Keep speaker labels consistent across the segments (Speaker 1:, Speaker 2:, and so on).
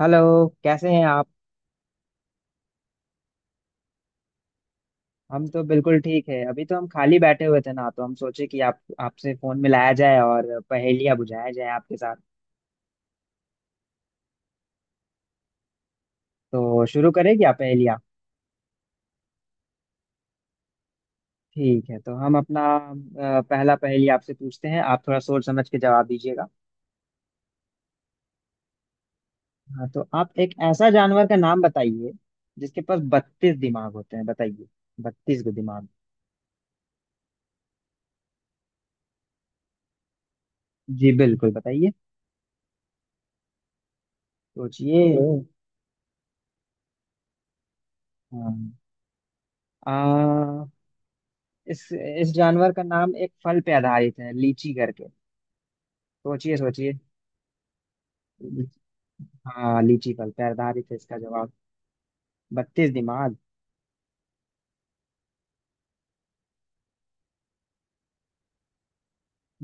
Speaker 1: Hello, कैसे हैं आप। हम तो बिल्कुल ठीक है, अभी तो हम खाली बैठे हुए थे ना, तो हम सोचे कि आप आपसे फोन मिलाया जाए और पहेलियाँ बुझाया जाए आपके साथ। तो शुरू करें क्या पहेलियाँ। ठीक है, तो हम अपना पहला पहेली आपसे पूछते हैं, आप थोड़ा सोच समझ के जवाब दीजिएगा। हाँ, तो आप एक ऐसा जानवर का नाम बताइए जिसके पास 32 दिमाग होते हैं, बताइए। 32 गो दिमाग। जी, बिल्कुल बताइए, सोचिए। हाँ, आ, इस जानवर का नाम एक फल पे आधारित है, लीची करके। सोचिए सोचिए। हाँ, लीची फल पे आधारित है इसका जवाब। 32 दिमाग।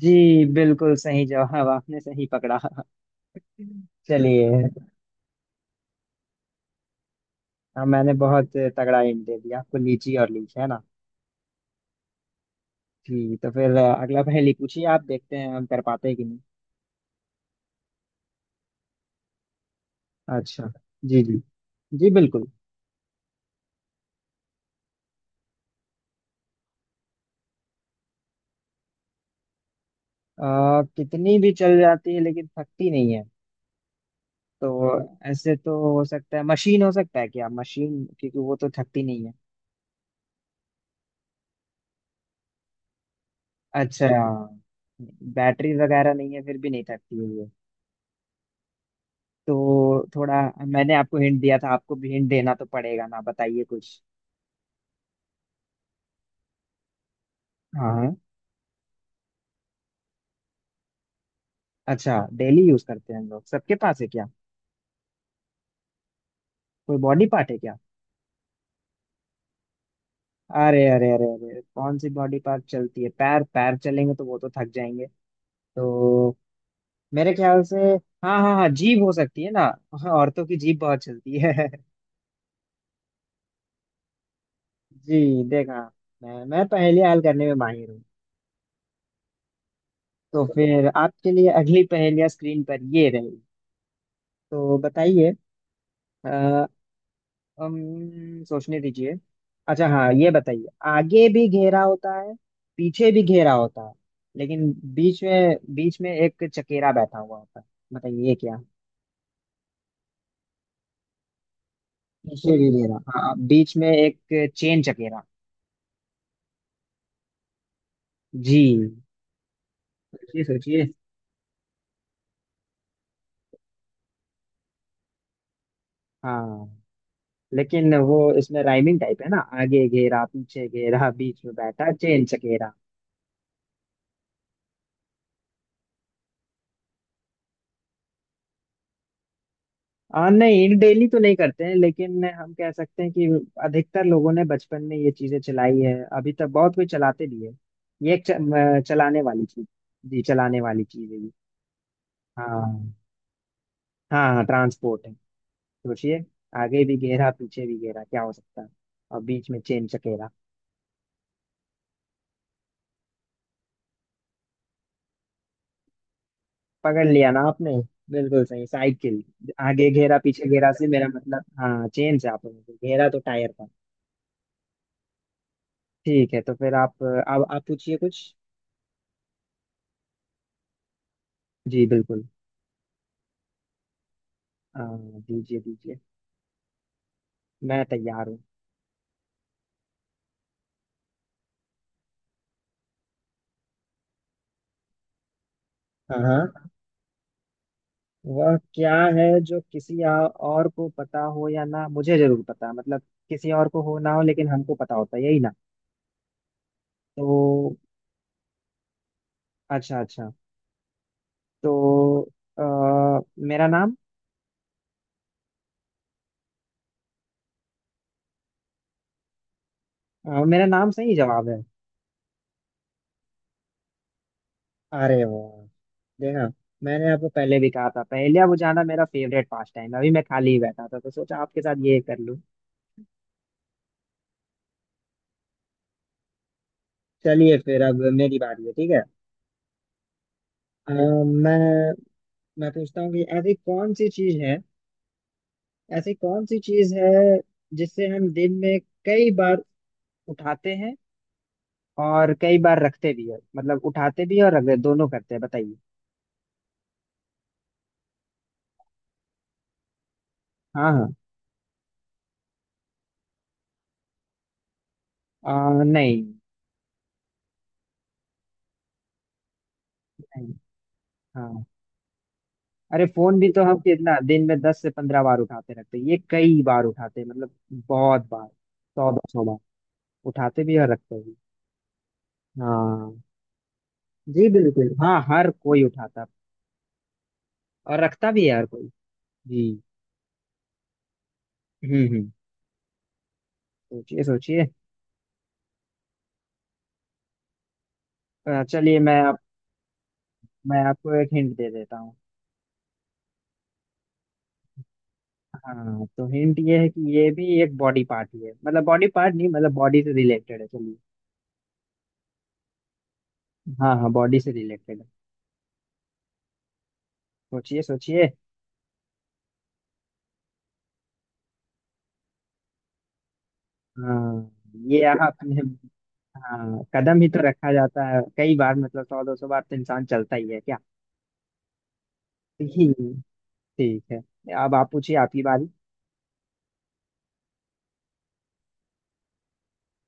Speaker 1: जी बिल्कुल, सही जवाब, आपने सही पकड़ा। चलिए। हाँ, मैंने बहुत तगड़ा हिंट दे दिया आपको, लीची और लीच, है ना। जी, तो फिर अगला पहेली पूछिए, आप देखते हैं हम कर पाते हैं कि नहीं। अच्छा। जी जी। जी बिल्कुल। कितनी भी चल जाती है लेकिन थकती नहीं है। तो ऐसे तो हो सकता है मशीन, हो सकता है क्या मशीन, क्योंकि वो तो थकती नहीं है। अच्छा, बैटरी वगैरह नहीं है फिर भी नहीं थकती है ये। तो थोड़ा, मैंने आपको हिंट दिया था, आपको भी हिंट देना तो पड़ेगा ना, बताइए कुछ। हाँ हाँ। अच्छा, डेली यूज करते हैं हम लोग, सबके पास है क्या। कोई बॉडी पार्ट है क्या। अरे अरे अरे अरे, कौन सी बॉडी पार्ट चलती है, पैर पैर चलेंगे तो वो तो थक जाएंगे। तो मेरे ख्याल से, हाँ हाँ हाँ, जीभ हो सकती है ना। हाँ, औरतों की जीभ बहुत चलती है। जी, देखा, मैं पहेली हल करने में माहिर हूँ। तो फिर आपके लिए अगली पहेलियां स्क्रीन पर ये रही, तो बताइए। अ, सोचने दीजिए। अच्छा हाँ, ये बताइए, आगे भी घेरा होता है, पीछे भी घेरा होता है, लेकिन बीच में एक चकेरा बैठा हुआ होता है, बताइए ये क्या। पीछे भी घेरा, हाँ, बीच में एक चेन चकेरा। जी, सोचिए सोचिए। हाँ, लेकिन वो इसमें राइमिंग टाइप है ना, आगे घेरा पीछे घेरा बीच में बैठा चेन चकेरा। नहीं, डेली तो नहीं करते हैं लेकिन हम कह सकते हैं कि अधिकतर लोगों ने बचपन में ये चीजें चलाई है, अभी तक बहुत कोई चलाते भी है। ये एक चलाने वाली चीज। जी, चलाने वाली चीज है ये। हाँ हाँ, हाँ ट्रांसपोर्ट है। सोचिए। आगे भी घेरा पीछे भी घेरा क्या हो सकता है, और बीच में चेन चकेरा। पकड़ लिया ना आपने। बिल्कुल सही, साइकिल। आगे घेरा पीछे घेरा से मेरा मतलब, हाँ, चेन से, आप घेरा तो टायर था। ठीक है, तो फिर आप अब आप पूछिए कुछ। जी बिल्कुल। हाँ, दीजिए दीजिए, मैं तैयार हूँ। हाँ, वह क्या है जो किसी और को पता हो या ना, मुझे जरूर पता, मतलब किसी और को हो ना हो लेकिन हमको पता होता है, यही ना। तो अच्छा अच्छा। तो आ, मेरा नाम। मेरा नाम सही जवाब है। अरे वाह, देखा। मैंने आपको पहले भी कहा था, पहले बुझाना मेरा फेवरेट पास टाइम है, अभी मैं खाली ही बैठा था तो सोचा आपके साथ ये कर लूं। चलिए फिर, अब मेरी बारी है, ठीक है। अ, मैं मैं पूछता हूँ कि ऐसी कौन सी चीज है, ऐसी कौन सी चीज है जिसे हम दिन में कई बार उठाते हैं और कई बार रखते भी है, मतलब उठाते भी है और दोनों करते हैं, बताइए। हाँ हाँ। नहीं। नहीं। हाँ। अरे, फोन भी तो हम कितना दिन में 10 से 15 बार उठाते रखते हैं, ये कई बार उठाते हैं मतलब बहुत बार, 100-200 बार, उठाते भी है और रखते भी। हाँ। जी बिल्कुल, हाँ, हर कोई उठाता और रखता भी है हर कोई। जी। हम्म। सोचिए सोचिए। चलिए, मैं आपको एक हिंट दे देता हूँ। हाँ, तो हिंट ये है कि ये भी एक बॉडी पार्ट ही है, मतलब बॉडी पार्ट नहीं, मतलब बॉडी से रिलेटेड है। चलिए। हाँ हाँ, बॉडी से रिलेटेड है। सोचिए सोचिए। हाँ, ये आपने, हाँ, कदम ही तो रखा जाता है कई बार, मतलब 100-200 बार तो इंसान चलता ही है क्या। ठीक। ठीक है, अब आप पूछिए, आपकी बारी।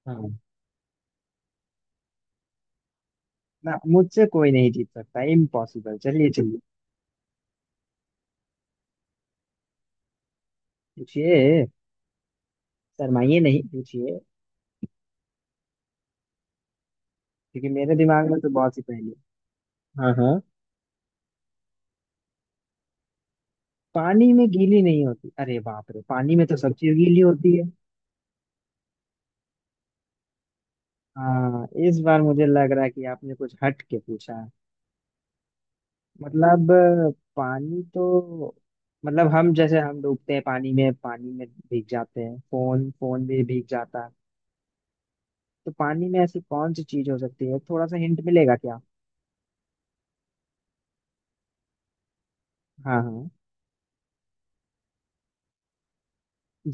Speaker 1: हाँ। ना, मुझसे कोई नहीं जीत सकता, इम्पॉसिबल। चलिए चलिए, पूछिए। शर्माइए नहीं, पूछिए, क्योंकि मेरे दिमाग में तो बहुत सी पहेली है। हाँ हाँ। पानी में गीली नहीं होती, अरे बाप रे, पानी में तो सब्जी गीली होती है। हाँ, इस बार मुझे लग रहा है कि आपने कुछ हट के पूछा है। मतलब पानी तो, मतलब हम जैसे, हम डूबते हैं पानी में, पानी में भीग जाते हैं, फोन फोन भी भीग जाता है। तो पानी में ऐसी कौन सी चीज हो सकती है, थोड़ा सा हिंट मिलेगा क्या। हाँ हाँ।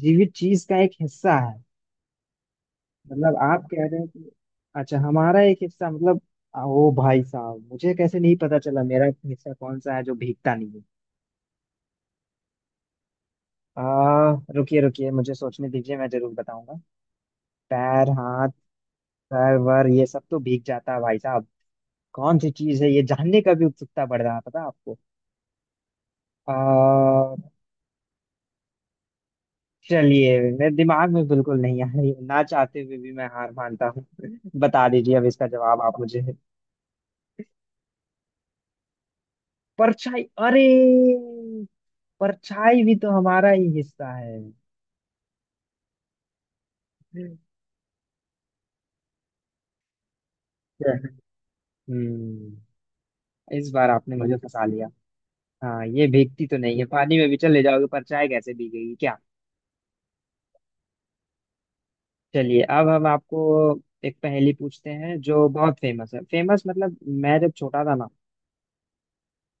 Speaker 1: जीवित चीज का एक हिस्सा है। मतलब आप कह रहे हैं कि, अच्छा, हमारा एक हिस्सा, मतलब ओ भाई साहब, मुझे कैसे नहीं पता चला मेरा हिस्सा कौन सा है जो भीगता नहीं है। आ, रुकिए रुकिए, मुझे सोचने दीजिए, मैं जरूर बताऊंगा। पैर, हाथ, सर वर, ये सब तो भीग जाता है भाई साहब। कौन सी चीज है ये जानने का भी उत्सुकता बढ़ रहा है, पता है आपको। आ, चलिए, मेरे दिमाग में बिल्कुल नहीं आ रही, ना चाहते हुए भी मैं हार मानता हूँ, बता दीजिए अब इसका जवाब आप मुझे। परछाई, अरे, परछाई भी तो हमारा ही हिस्सा है। हम्म इस बार आपने मुझे फंसा लिया। हाँ, ये भीगती तो नहीं है, पानी में भी चले जाओगे परछाई कैसे भीगेगी क्या। चलिए, अब हम आपको एक पहेली पूछते हैं जो बहुत फेमस है, फेमस मतलब मैं जब छोटा था ना,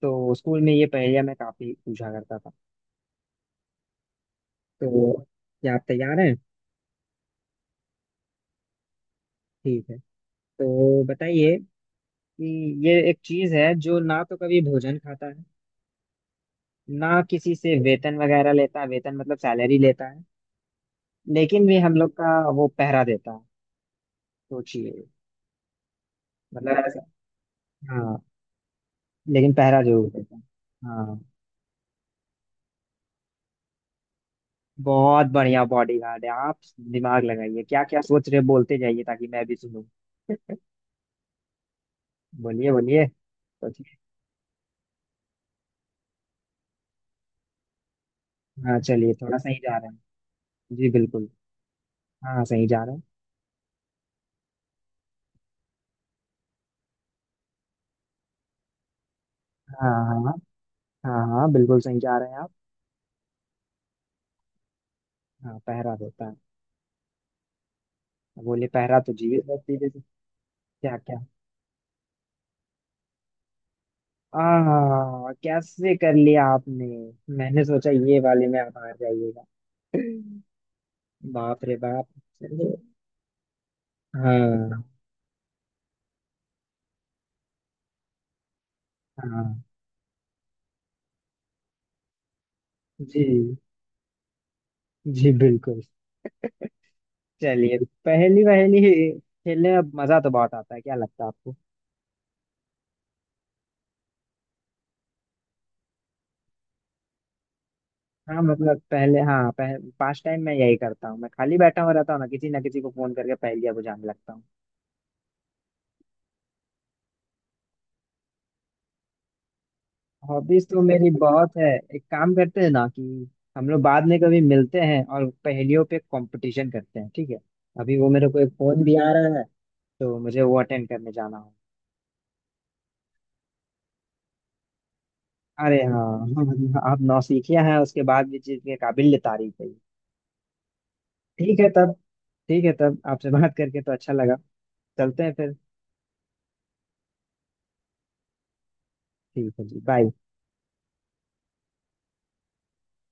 Speaker 1: तो स्कूल में ये पहेलियां मैं काफी पूछा करता था। तो क्या आप तैयार हैं। ठीक है, तो बताइए कि ये एक चीज है जो ना तो कभी भोजन खाता है, ना किसी से वेतन वगैरह लेता है, वेतन मतलब सैलरी लेता है, लेकिन भी हम लोग का वो पहरा देता है। सोचिए। मतलब ऐसा, हाँ, लेकिन पहरा जरूर देता है। हाँ, बहुत बढ़िया बॉडीगार्ड है आप। दिमाग लगाइए, क्या क्या सोच रहे हैं, बोलते जाइए ताकि मैं भी सुनूं। बोलिए बोलिए, सोचिए। हाँ, चलिए, थोड़ा सही जा रहे हैं। जी बिल्कुल। हाँ, सही जा रहे हैं। हाँ हाँ हाँ, हाँ हाँ, बिल्कुल सही जा रहे हैं आप। हाँ, पहरा देता है, बोले पहरा तो जीवित व्यक्ति देते। क्या क्या। आ कैसे कर लिया आपने। मैंने सोचा ये वाले में आप हार जाइएगा। बाप रे बाप। चलिए। हाँ हाँ। जी जी बिल्कुल। चलिए, पहली पहली खेलने में मजा तो बहुत आता है, क्या लगता है आपको। हाँ, मतलब पहले, हाँ, पास टाइम मैं यही करता हूँ, मैं खाली बैठा हुआ रहता हूँ ना, किसी ना किसी को फोन करके पहेलियाँ बुझाने लगता हूँ। हॉबीज तो मेरी बहुत है। एक काम करते हैं ना, कि हम लोग बाद में कभी मिलते हैं और पहेलियों पे कंपटीशन करते हैं, ठीक है। अभी वो मेरे को एक फोन भी आ रहा है, तो मुझे वो अटेंड करने जाना हो। अरे हाँ, आप नौसिखिया हैं, उसके बाद भी चीज के काबिल तारीफ है। ठीक है तब ठीक है तब आपसे बात करके तो अच्छा लगा, चलते हैं फिर। ठीक है जी, बाय।